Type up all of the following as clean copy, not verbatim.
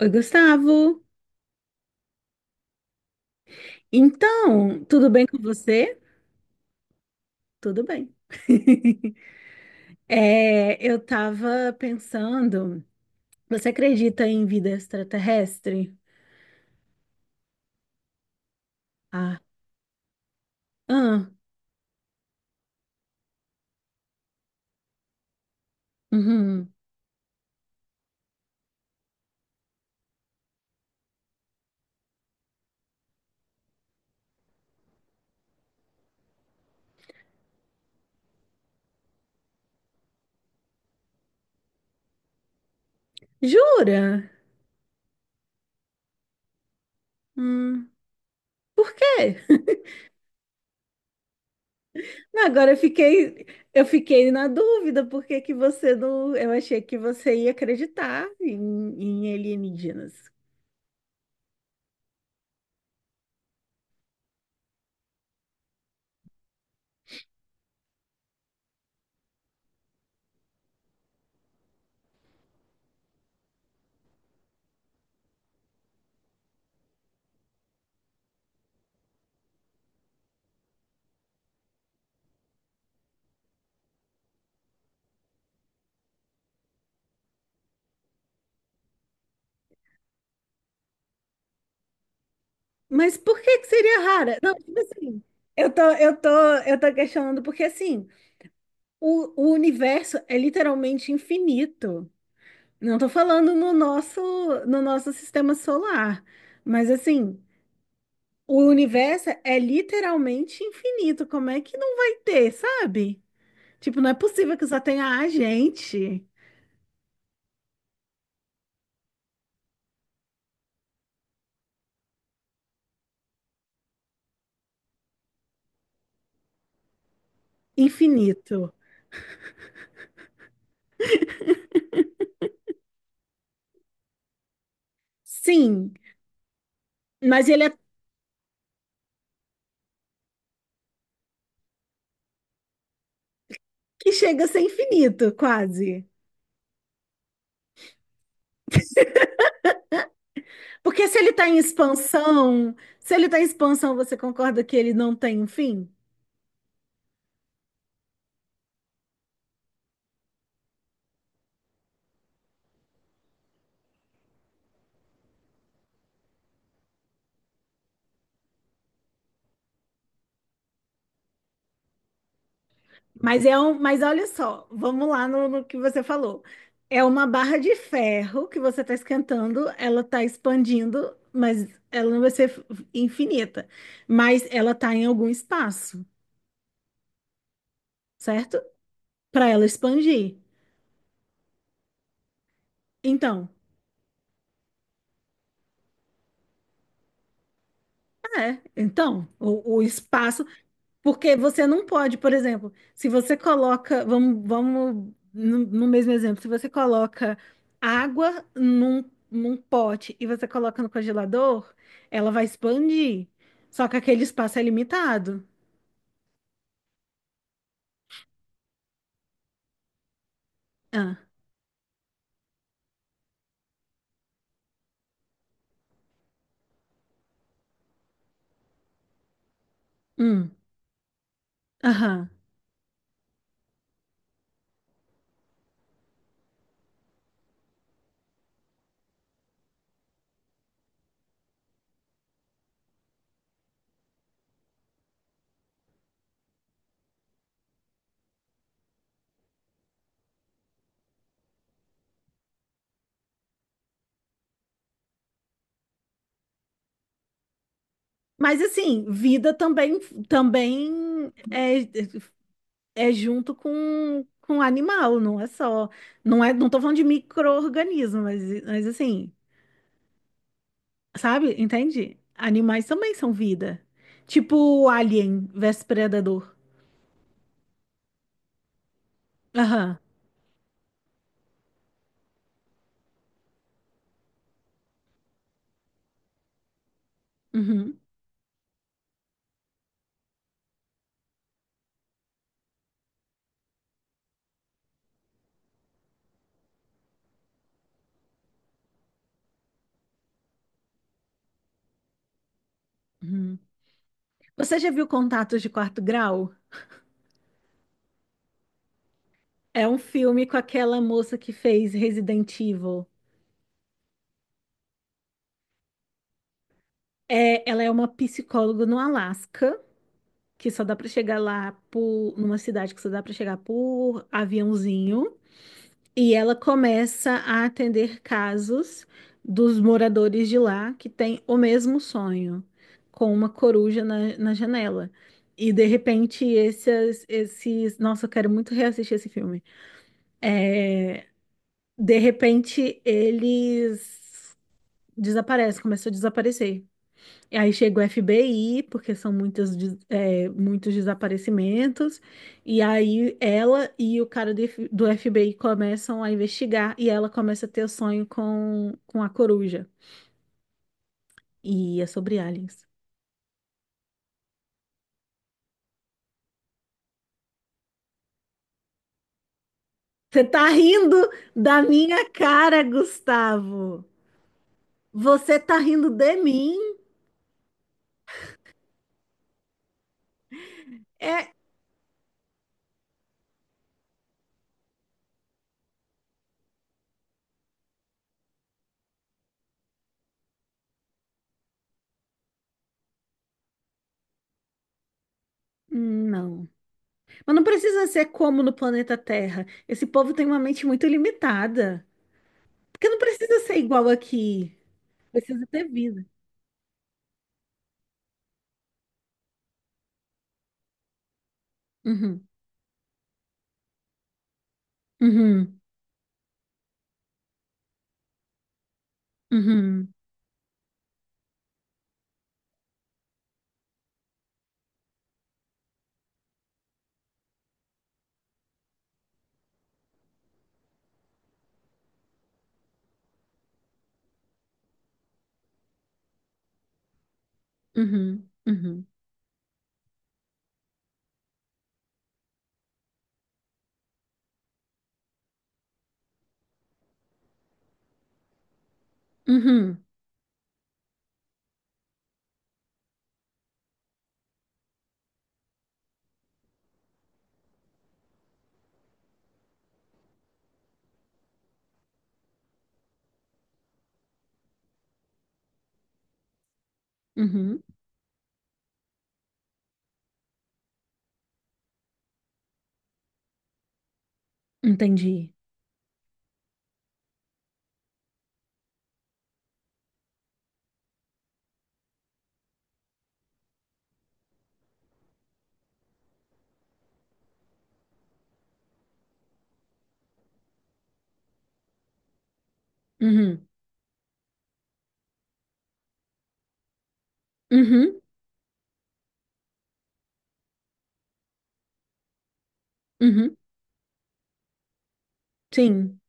Oi, Gustavo. Então, tudo bem com você? Tudo bem. Eu tava pensando, você acredita em vida extraterrestre? Ah, ah, uhum. Jura? Hum, por quê? Não, agora eu fiquei, na dúvida, porque que você não, eu achei que você ia acreditar em alienígenas. Mas por que que seria rara? Não, tipo assim, eu tô, eu tô, eu tô questionando porque assim, o universo é literalmente infinito. Não estou falando no nosso sistema solar, mas assim, o universo é literalmente infinito. Como é que não vai ter, sabe? Tipo, não é possível que só tenha a gente infinito. Sim, mas ele é que chega a ser infinito, quase. Porque se ele está em expansão, se ele está em expansão, você concorda que ele não tem um fim? Mas olha só, vamos lá no que você falou. É uma barra de ferro que você está esquentando, ela está expandindo, mas ela não vai ser infinita. Mas ela está em algum espaço, certo? Para ela expandir. Então, o espaço. Porque você não pode, por exemplo, se você coloca, vamos no mesmo exemplo, se você coloca água num pote e você coloca no congelador, ela vai expandir. Só que aquele espaço é limitado. Ah, hum, aham. Mas assim, vida também é junto com animal, não é só. Não é, não tô falando de micro-organismo, mas assim. Sabe? Entende? Animais também são vida. Tipo o Alien versus Predador. Aham. Uhum. Uhum. Você já viu Contatos de Quarto Grau? É um filme com aquela moça que fez Resident Evil. Ela é uma psicóloga no Alasca, que só dá pra chegar lá numa cidade que só dá pra chegar por aviãozinho. E ela começa a atender casos dos moradores de lá que têm o mesmo sonho, com uma coruja na janela. E de repente, esses, esses. Nossa, eu quero muito reassistir esse filme. De repente, eles desaparecem, começam a desaparecer. E aí chega o FBI, porque são muitas, muitos desaparecimentos, e aí ela e o cara do FBI começam a investigar, e ela começa a ter o sonho com a coruja. E é sobre aliens. Você tá rindo da minha cara, Gustavo! Você tá rindo de mim? É. Não. Mas não precisa ser como no planeta Terra. Esse povo tem uma mente muito limitada. Porque não precisa ser igual aqui. Precisa ter vida. Uhum. Uhum, uhum, uhum, uhum, uhum, uhum. Entendi. Uhum, uhum, uhum. Sim.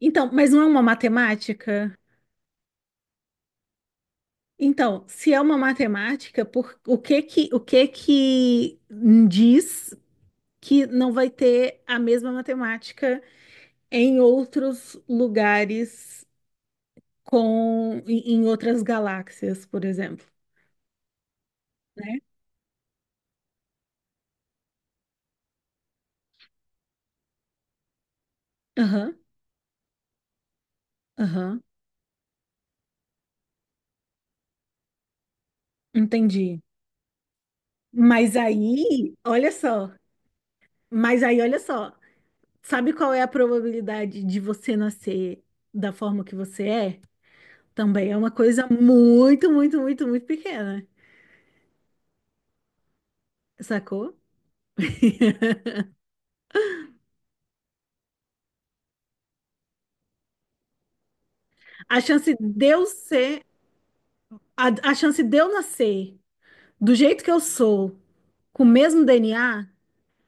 Então, mas não é uma matemática? Então, se é uma matemática, o que que diz que não vai ter a mesma matemática em outros lugares em outras galáxias, por exemplo, né? Aham, aham, entendi. Mas aí, olha só. Mas aí, olha só, sabe qual é a probabilidade de você nascer da forma que você é? Também é uma coisa muito, muito, muito, muito pequena, sacou? A chance de eu ser, a chance de eu nascer do jeito que eu sou, com o mesmo DNA,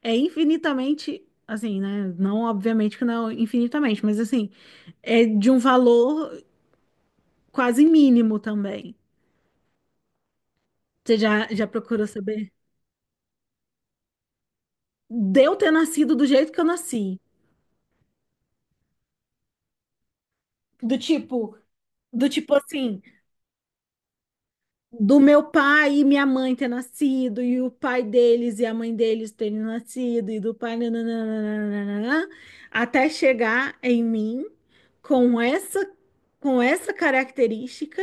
é infinitamente, assim, né? Não, obviamente que não infinitamente, mas assim, é de um valor quase mínimo também. Você já procurou saber? De eu ter nascido do jeito que eu nasci. Do tipo, do tipo assim, do meu pai e minha mãe ter nascido, e o pai deles e a mãe deles terem nascido, e do pai, nananana, até chegar em mim com essa, com essa característica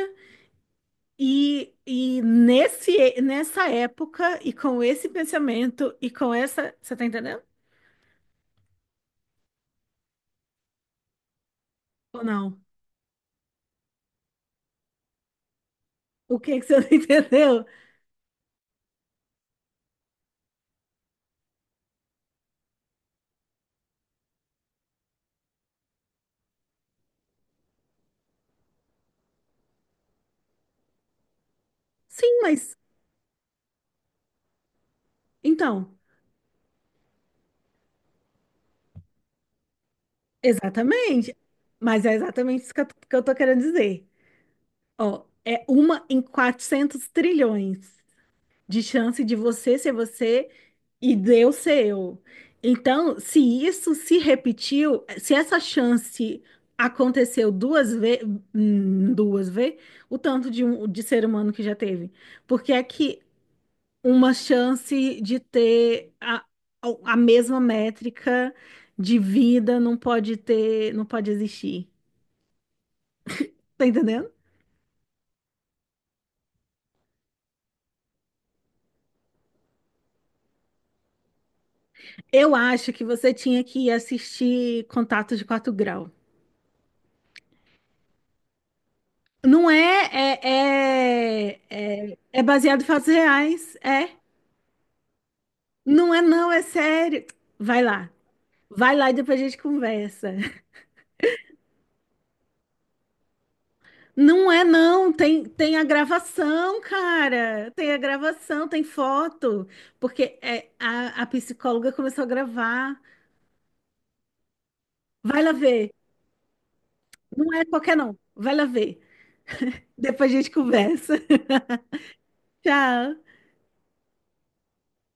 e nessa época e com esse pensamento e com essa. Você tá entendendo? Ou não? O que que você não entendeu? Sim, mas então, exatamente. Mas é exatamente isso que eu tô querendo dizer. Ó, é uma em 400 trilhões de chance de você ser você e Deus ser eu. Então, se isso se repetiu, se essa chance aconteceu duas vezes, o tanto de ser humano que já teve. Porque é que uma chance de ter a mesma métrica de vida não pode ter, não pode existir. Tá entendendo? Eu acho que você tinha que assistir Contato de Quarto Grau. Não é, é, é, é baseado em fatos reais. É. Não é, não, é sério. Vai lá. Vai lá e depois a gente conversa. Não é, não. Tem a gravação, cara. Tem a gravação, tem foto. Porque a psicóloga começou a gravar. Vai lá ver. Não é qualquer, não. Vai lá ver. Depois a gente conversa. Tchau.